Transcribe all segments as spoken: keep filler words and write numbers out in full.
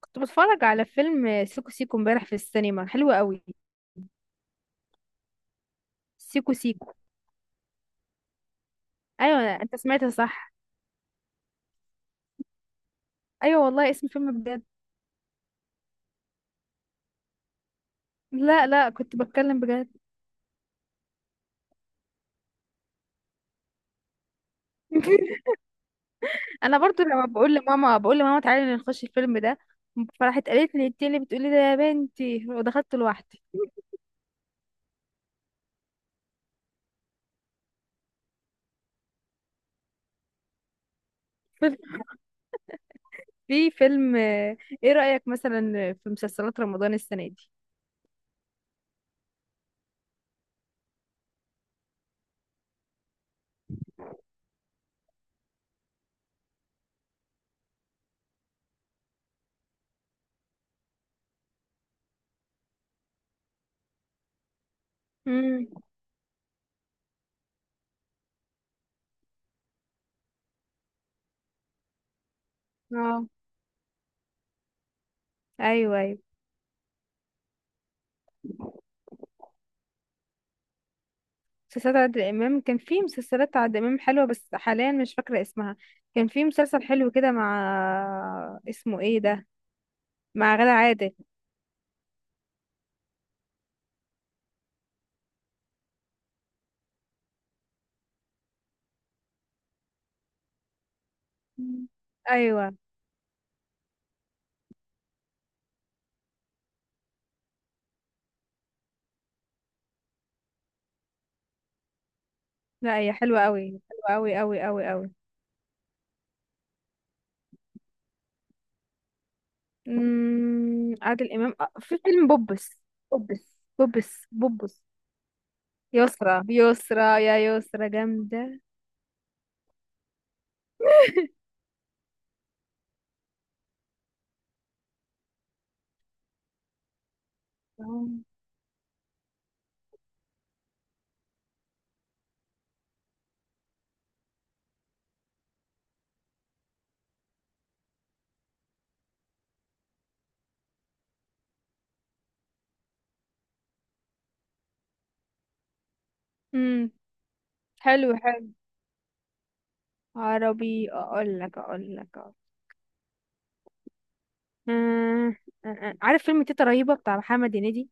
كنت بتفرج على فيلم سيكو سيكو امبارح في السينما، حلو قوي. سيكو سيكو. ايوه، انت سمعت صح. ايوه والله، اسم فيلم بجد. لا لا، كنت بتكلم بجد. انا برضو لما بقول لماما، بقول لماما تعالي نخش الفيلم ده، فراحت قالت لي انت اللي بتقولي ده يا بنتي، ودخلت لوحدي. في فيلم. ايه رأيك مثلا في مسلسلات رمضان السنة دي؟ امم. اه. ايوه ايوه. مسلسلات عادل امام، كان في مسلسلات عادل امام حلوه بس حاليا مش فاكره اسمها. كان في مسلسل حلو كده، مع اسمه ايه ده، مع غادة عادل. مم. ايوه. لا، هي حلوه قوي. حلوه قوي قوي قوي قوي. امم، عادل امام، آه، في فيلم بوبس. بوبس بوبس بوبس. يسرى يسرى، يا يسرى جامده. امم. حلو حلو. عربي، اقول لك اقول لك أقول. آه، آه، آه. عارف فيلم تيتا رهيبه بتاع محمد هنيدي.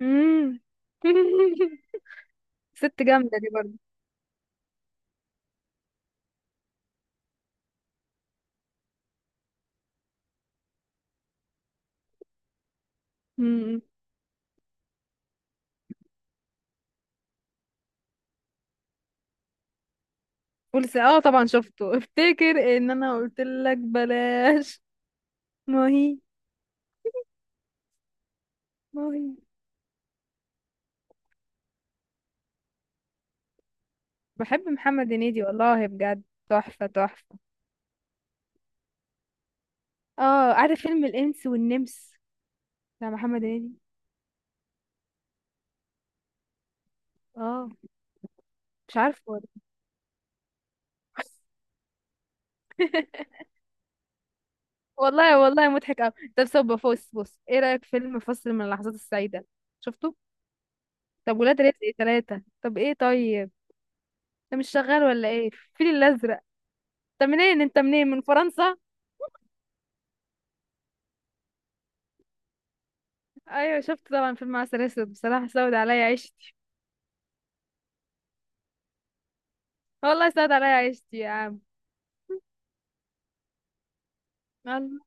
مم. ست جامدة دي برضه. امم. قلت اه طبعا شفته. افتكر ان انا قلت لك بلاش. ما هي ما هي بحب محمد هنيدي والله بجد. تحفة تحفة. اه، عارف فيلم الانس والنمس بتاع محمد هنيدي. اه. مش عارفه والله. والله والله مضحك قوي. طب صب بص بص، ايه رأيك في فيلم فصل من اللحظات السعيدة؟ شفته. طب ولاد رزق ثلاثة. طب ايه طيب. ده مش شغال، ولا ايه الفيل الازرق؟ انت منين انت منين من فرنسا؟ ايوه شفت طبعا فيلم عسل اسود، بصراحه سود عليا عيشتي. والله سود عليا عيشتي يا عم. الله.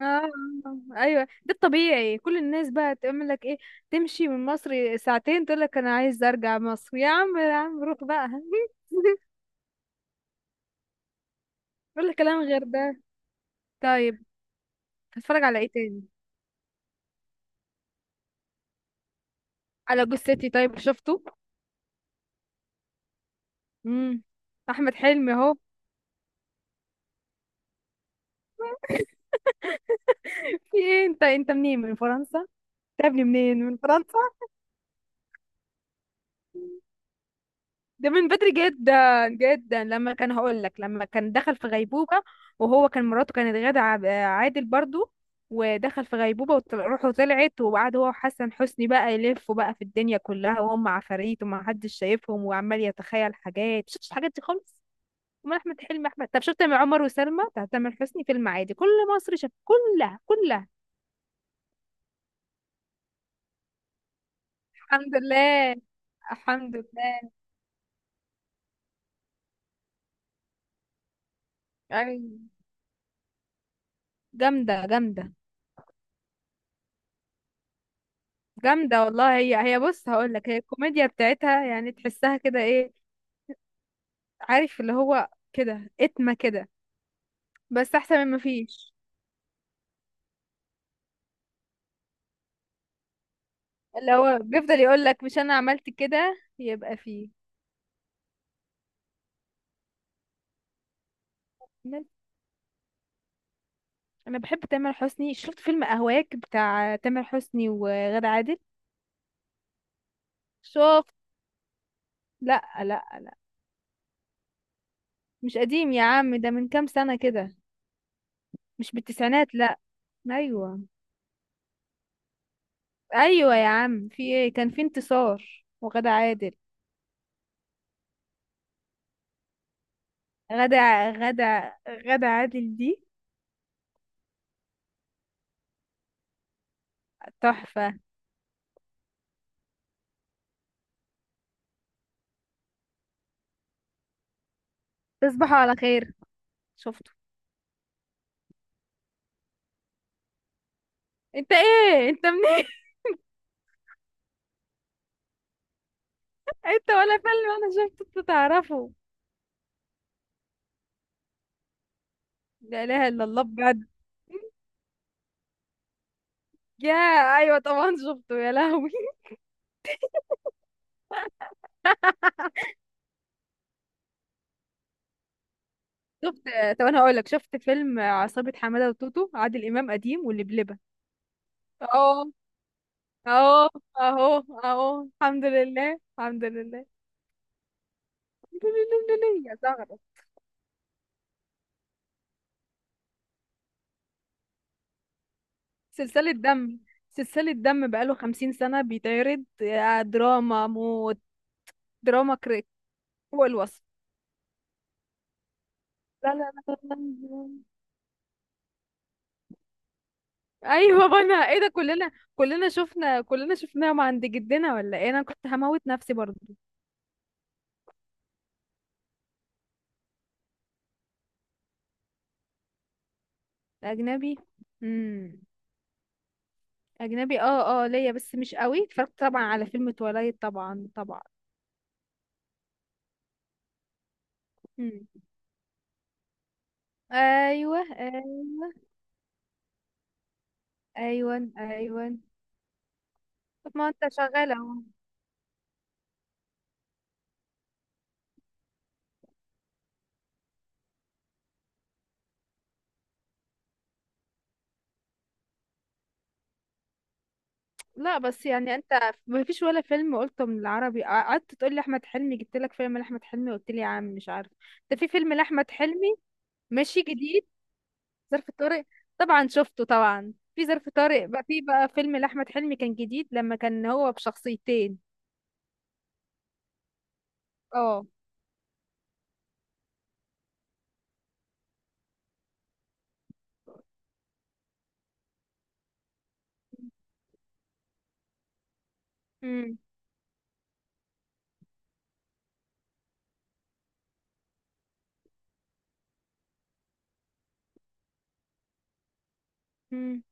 آه. ايوه، ده الطبيعي. كل الناس بقى تعمل لك ايه، تمشي من مصر ساعتين تقول لك انا عايز ارجع مصر يا عم، يا عم روح بقى. ولا كلام غير ده. طيب. هتفرج على ايه تاني؟ على جثتي، طيب شفته. امم. احمد حلمي اهو. في ايه، انت انت منين من فرنسا انت؟ يا ابني، منين من فرنسا. ده من بدري جدا جدا، لما كان هقول لك، لما كان دخل في غيبوبة، وهو كان مراته كانت غادة عب- عادل برضو، ودخل في غيبوبة وروحه طلعت وقعد هو وحسن حسني بقى يلفوا بقى في الدنيا كلها وهم عفاريت وما حدش شايفهم وعمال يتخيل حاجات. شفتش الحاجات دي خالص؟ امال احمد حلمي. احمد طب شفت مع عمر وسلمى بتاع تامر حسني فيلم عادي، كل مصر شاف، كلها كلها. الحمد لله. الحمد لله. ايوه. جامدة جامدة. جامدة والله. هي هي بص هقول لك، هي الكوميديا بتاعتها يعني تحسها كده، ايه عارف اللي هو كده، اتمة كده، بس احسن من مفيش. اللي هو بيفضل يقول لك مش انا عملت كده يبقى فيه. انا أنا بحب تامر حسني. شفت فيلم اهواك بتاع تامر حسني وغادة عادل؟ شفت. لا لا لا، مش قديم يا عم، ده من كام سنة كده، مش بالتسعينات لا. ايوه ايوه يا عم، في ايه، كان في انتصار وغادة عادل. غادة غادة غادة عادل دي تحفة. تصبحوا على خير. شفته. انت ايه انت منين؟ انت ولا فيلم انا شفته انت تعرفه. لا اله الا الله بجد. يا ايوه طبعا شفته يا لهوي. شفت. طب انا هقول لك، شفت فيلم عصابة حمادة وتوتو، عادل امام قديم واللبلبة. اهو اهو اهو اهو. الحمد لله الحمد لله. الحمد لله يا زغرة. سلسلة دم. سلسلة دم بقاله خمسين سنة بيتعرض، آه، دراما موت. دراما كريك. هو الوصف. لا لا لا لا لا. ايوه، بنا ايه ده، كلنا كلنا شفنا كلنا شفناهم عند جدنا ولا ايه، انا كنت هموت نفسي برضو. اجنبي. امم. اجنبي، اه اه ليا بس مش قوي. اتفرجت طبعا على فيلم تولايت، طبعا طبعا. امم. ايوه ايوه. ايوه ايوه. طب ما انت شغال اهو. لا بس يعني انت، ما فيش ولا فيلم قلته من العربي، قعدت تقول لي احمد حلمي، جبت لك فيلم لاحمد حلمي قلت لي يا عم مش عارف. ده في فيلم لاحمد حلمي. ماشي، جديد. ظرف طارق. طبعا شفته، طبعا في ظرف طارق بقى، في بقى فيلم لأحمد حلمي كان جديد لما كان هو بشخصيتين. اه. امم. امم.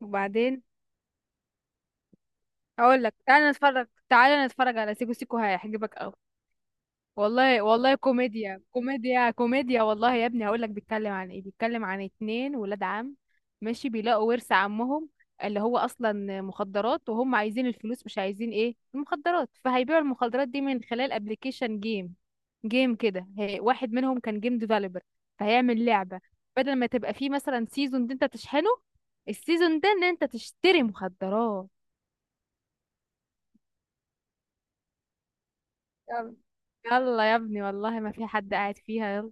وبعدين، اقول لك تعالى نتفرج، تعالى نتفرج على سيكو سيكو، هيعجبك قوي. والله والله كوميديا كوميديا كوميديا، والله يا ابني هقول لك بيتكلم عن ايه، بيتكلم عن اتنين ولاد عم، ماشي، بيلاقوا ورث عمهم اللي هو اصلا مخدرات، وهم عايزين الفلوس مش عايزين ايه المخدرات، فهيبيعوا المخدرات دي من خلال ابلكيشن جيم. جيم كده، هي- واحد منهم كان جيم ديفلوبر، فهيعمل لعبة بدل ما تبقى فيه مثلا سيزون دي انت تشحنه، السيزون ده ان انت تشتري مخدرات. يلا. يلا يا ابني والله، ما في حد قاعد فيها.